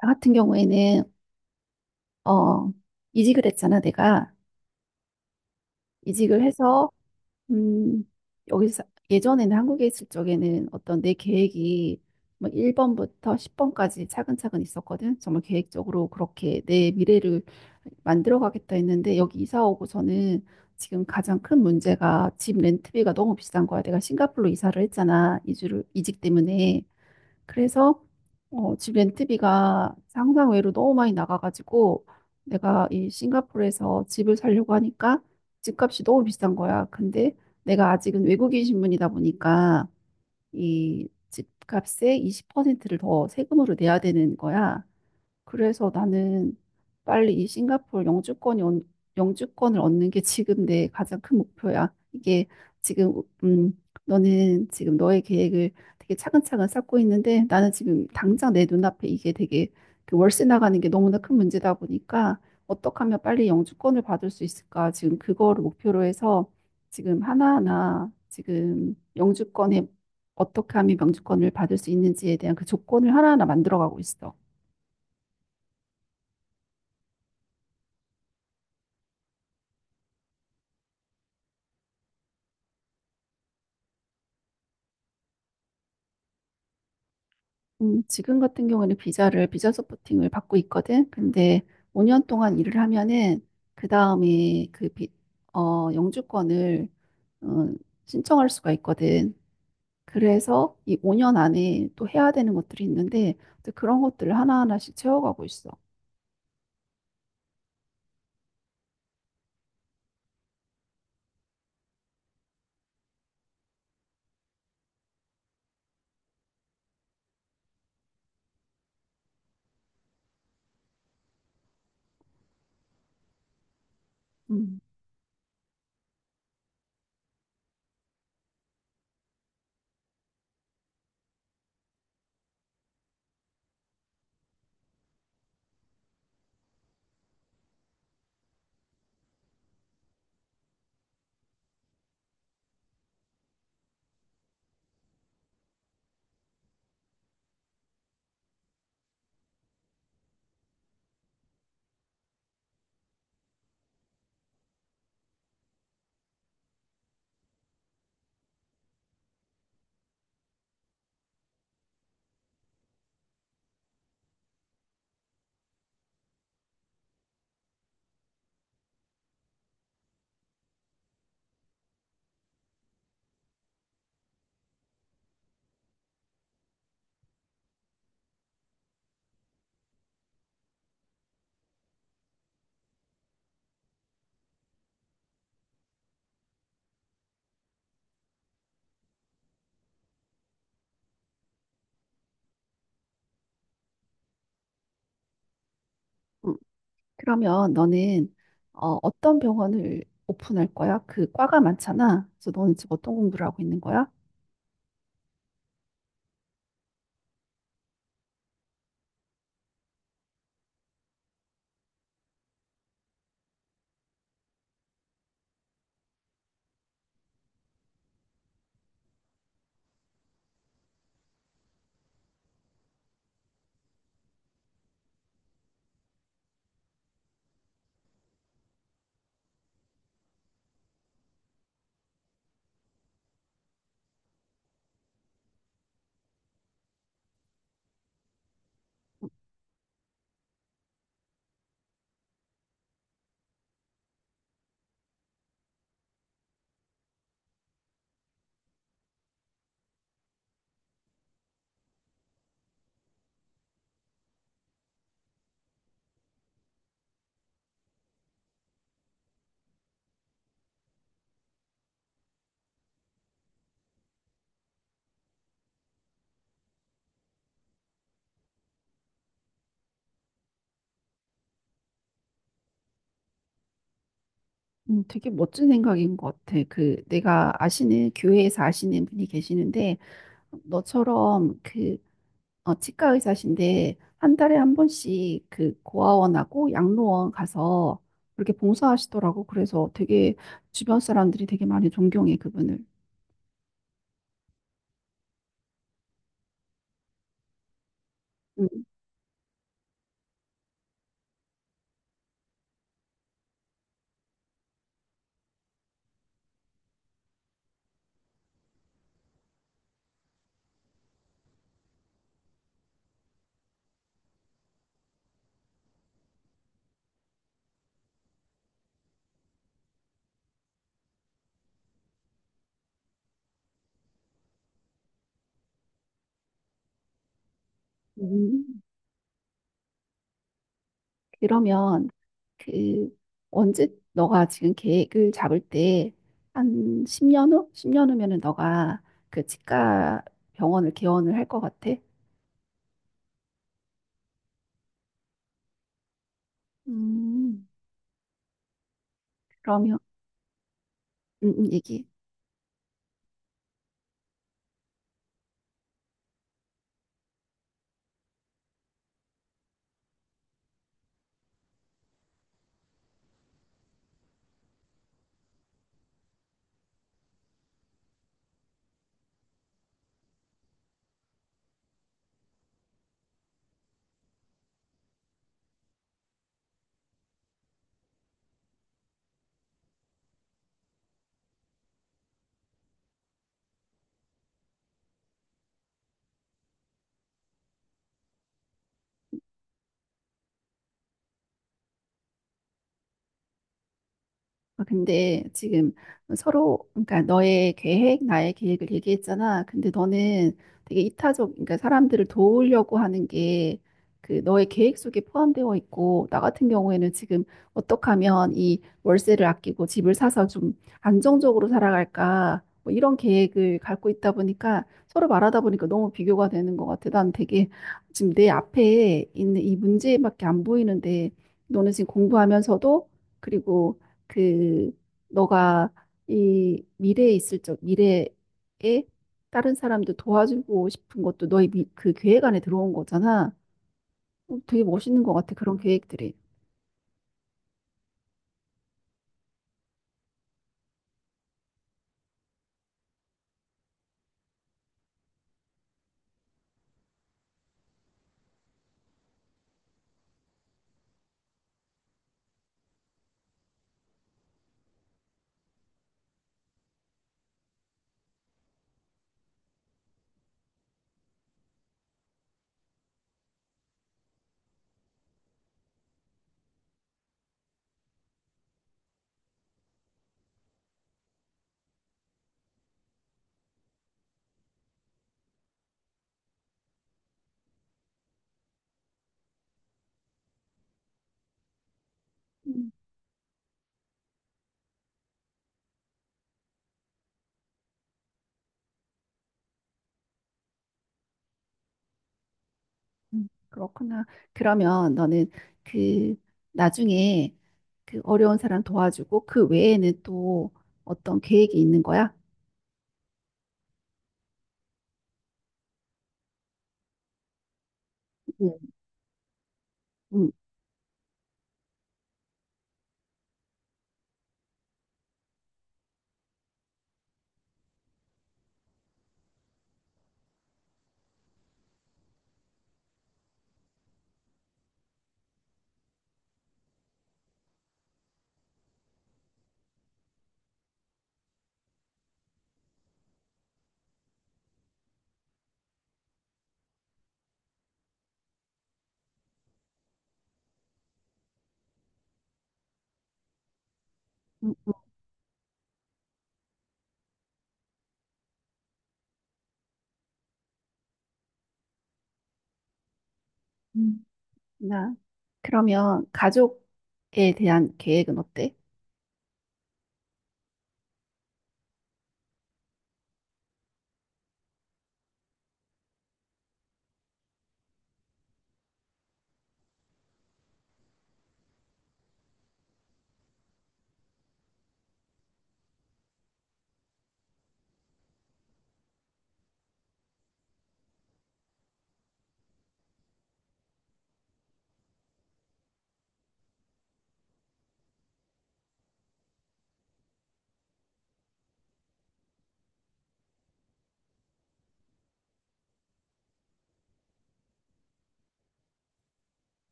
나 같은 경우에는 어 이직을 했잖아, 내가. 이직을 해서 음 여기서, 예전에는 한국에 있을 적에는 어떤 내 계획이 뭐 1번부터 10번까지 차근차근 있었거든. 정말 계획적으로 그렇게 내 미래를 만들어 가겠다 했는데, 여기 이사 오고서는 지금 가장 큰 문제가 집 렌트비가 너무 비싼 거야. 내가 싱가포르로 이사를 했잖아, 이주를, 이직 때문에. 그래서 집 렌트비가 상상 외로 너무 많이 나가가지고 내가 이 싱가포르에서 집을 살려고 하니까 집값이 너무 비싼 거야. 근데 내가 아직은 외국인 신분이다 보니까 이 집값의 20%를 더 세금으로 내야 되는 거야. 그래서 나는 빨리 이 싱가포르 영주권이, 영주권을 얻는 게 지금 내 가장 큰 목표야. 이게 지금 음 너는 지금 너의 계획을 되게 차근차근 쌓고 있는데, 나는 지금 당장 내 눈앞에 이게 되게, 그 월세 나가는 게 너무나 큰 문제다 보니까 어떻게 하면 빨리 영주권을 받을 수 있을까, 지금 그거를 목표로 해서 지금 하나하나, 지금 영주권에 어떻게 하면 영주권을 받을 수 있는지에 대한 그 조건을 하나하나 만들어가고 있어. 지금 같은 경우에는 비자를, 비자 서포팅을 받고 있거든. 근데 5년 동안 일을 하면은, 그 다음에 그 영주권을, 어, 신청할 수가 있거든. 그래서 이 5년 안에 또 해야 되는 것들이 있는데, 또 그런 것들을 하나하나씩 채워가고 있어. 음, 음. 그러면 너는, 어떤 병원을 오픈할 거야? 그 과가 많잖아. 그래서 너는 지금 어떤 공부를 하고 있는 거야? 되게 멋진 생각인 것 같아. 그 내가 아시는 교회에서 아시는 분이 계시는데, 너처럼 그, 치과 의사신데 한 달에 한 번씩 그 고아원하고 양로원 가서 그렇게 봉사하시더라고. 그래서 되게 주변 사람들이 되게 많이 존경해, 그분을. 음, 음. 그러면 그 언제, 너가 지금 계획을 잡을 때 한 10년 후? 10년 후면은 너가 그 치과 병원을 개원을 할 것 같아? 음, 그러면, 얘기해. 아, 근데 지금 서로, 그러니까 너의 계획, 나의 계획을 얘기했잖아. 근데 너는 되게 이타적, 그러니까 사람들을 도우려고 하는 게 그 너의 계획 속에 포함되어 있고, 나 같은 경우에는 지금 어떻게 하면 이 월세를 아끼고 집을 사서 좀 안정적으로 살아갈까, 뭐 이런 계획을 갖고 있다 보니까, 서로 말하다 보니까 너무 비교가 되는 것 같아. 난 되게 지금 내 앞에 있는 이 문제밖에 안 보이는데, 너는 지금 공부하면서도, 그리고 그 너가 이 미래에 있을 적, 미래에 다른 사람도 도와주고 싶은 것도 너의 미, 그 계획 안에 들어온 거잖아. 어, 되게 멋있는 것 같아, 그런 계획들이. 음, 그렇구나. 그러면 너는 그 나중에 그 어려운 사람 도와주고 그 외에는 또 어떤 계획이 있는 거야? 네. 음, 음, 음. 음. 나, 그러면 가족에 대한 계획은 어때?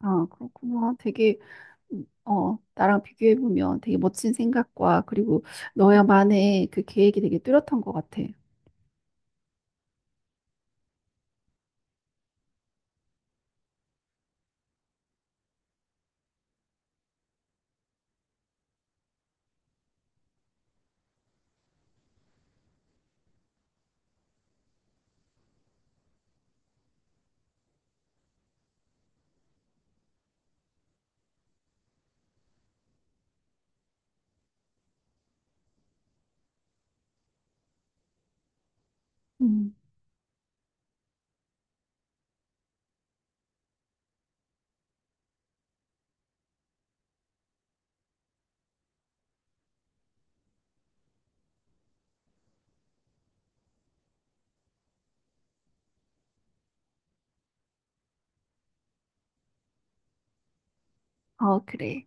아, 그렇구나. 되게 나랑 비교해보면 되게 멋진 생각과, 그리고 너야만의 그 계획이 되게 뚜렷한 것 같아. 음. 어, 그래.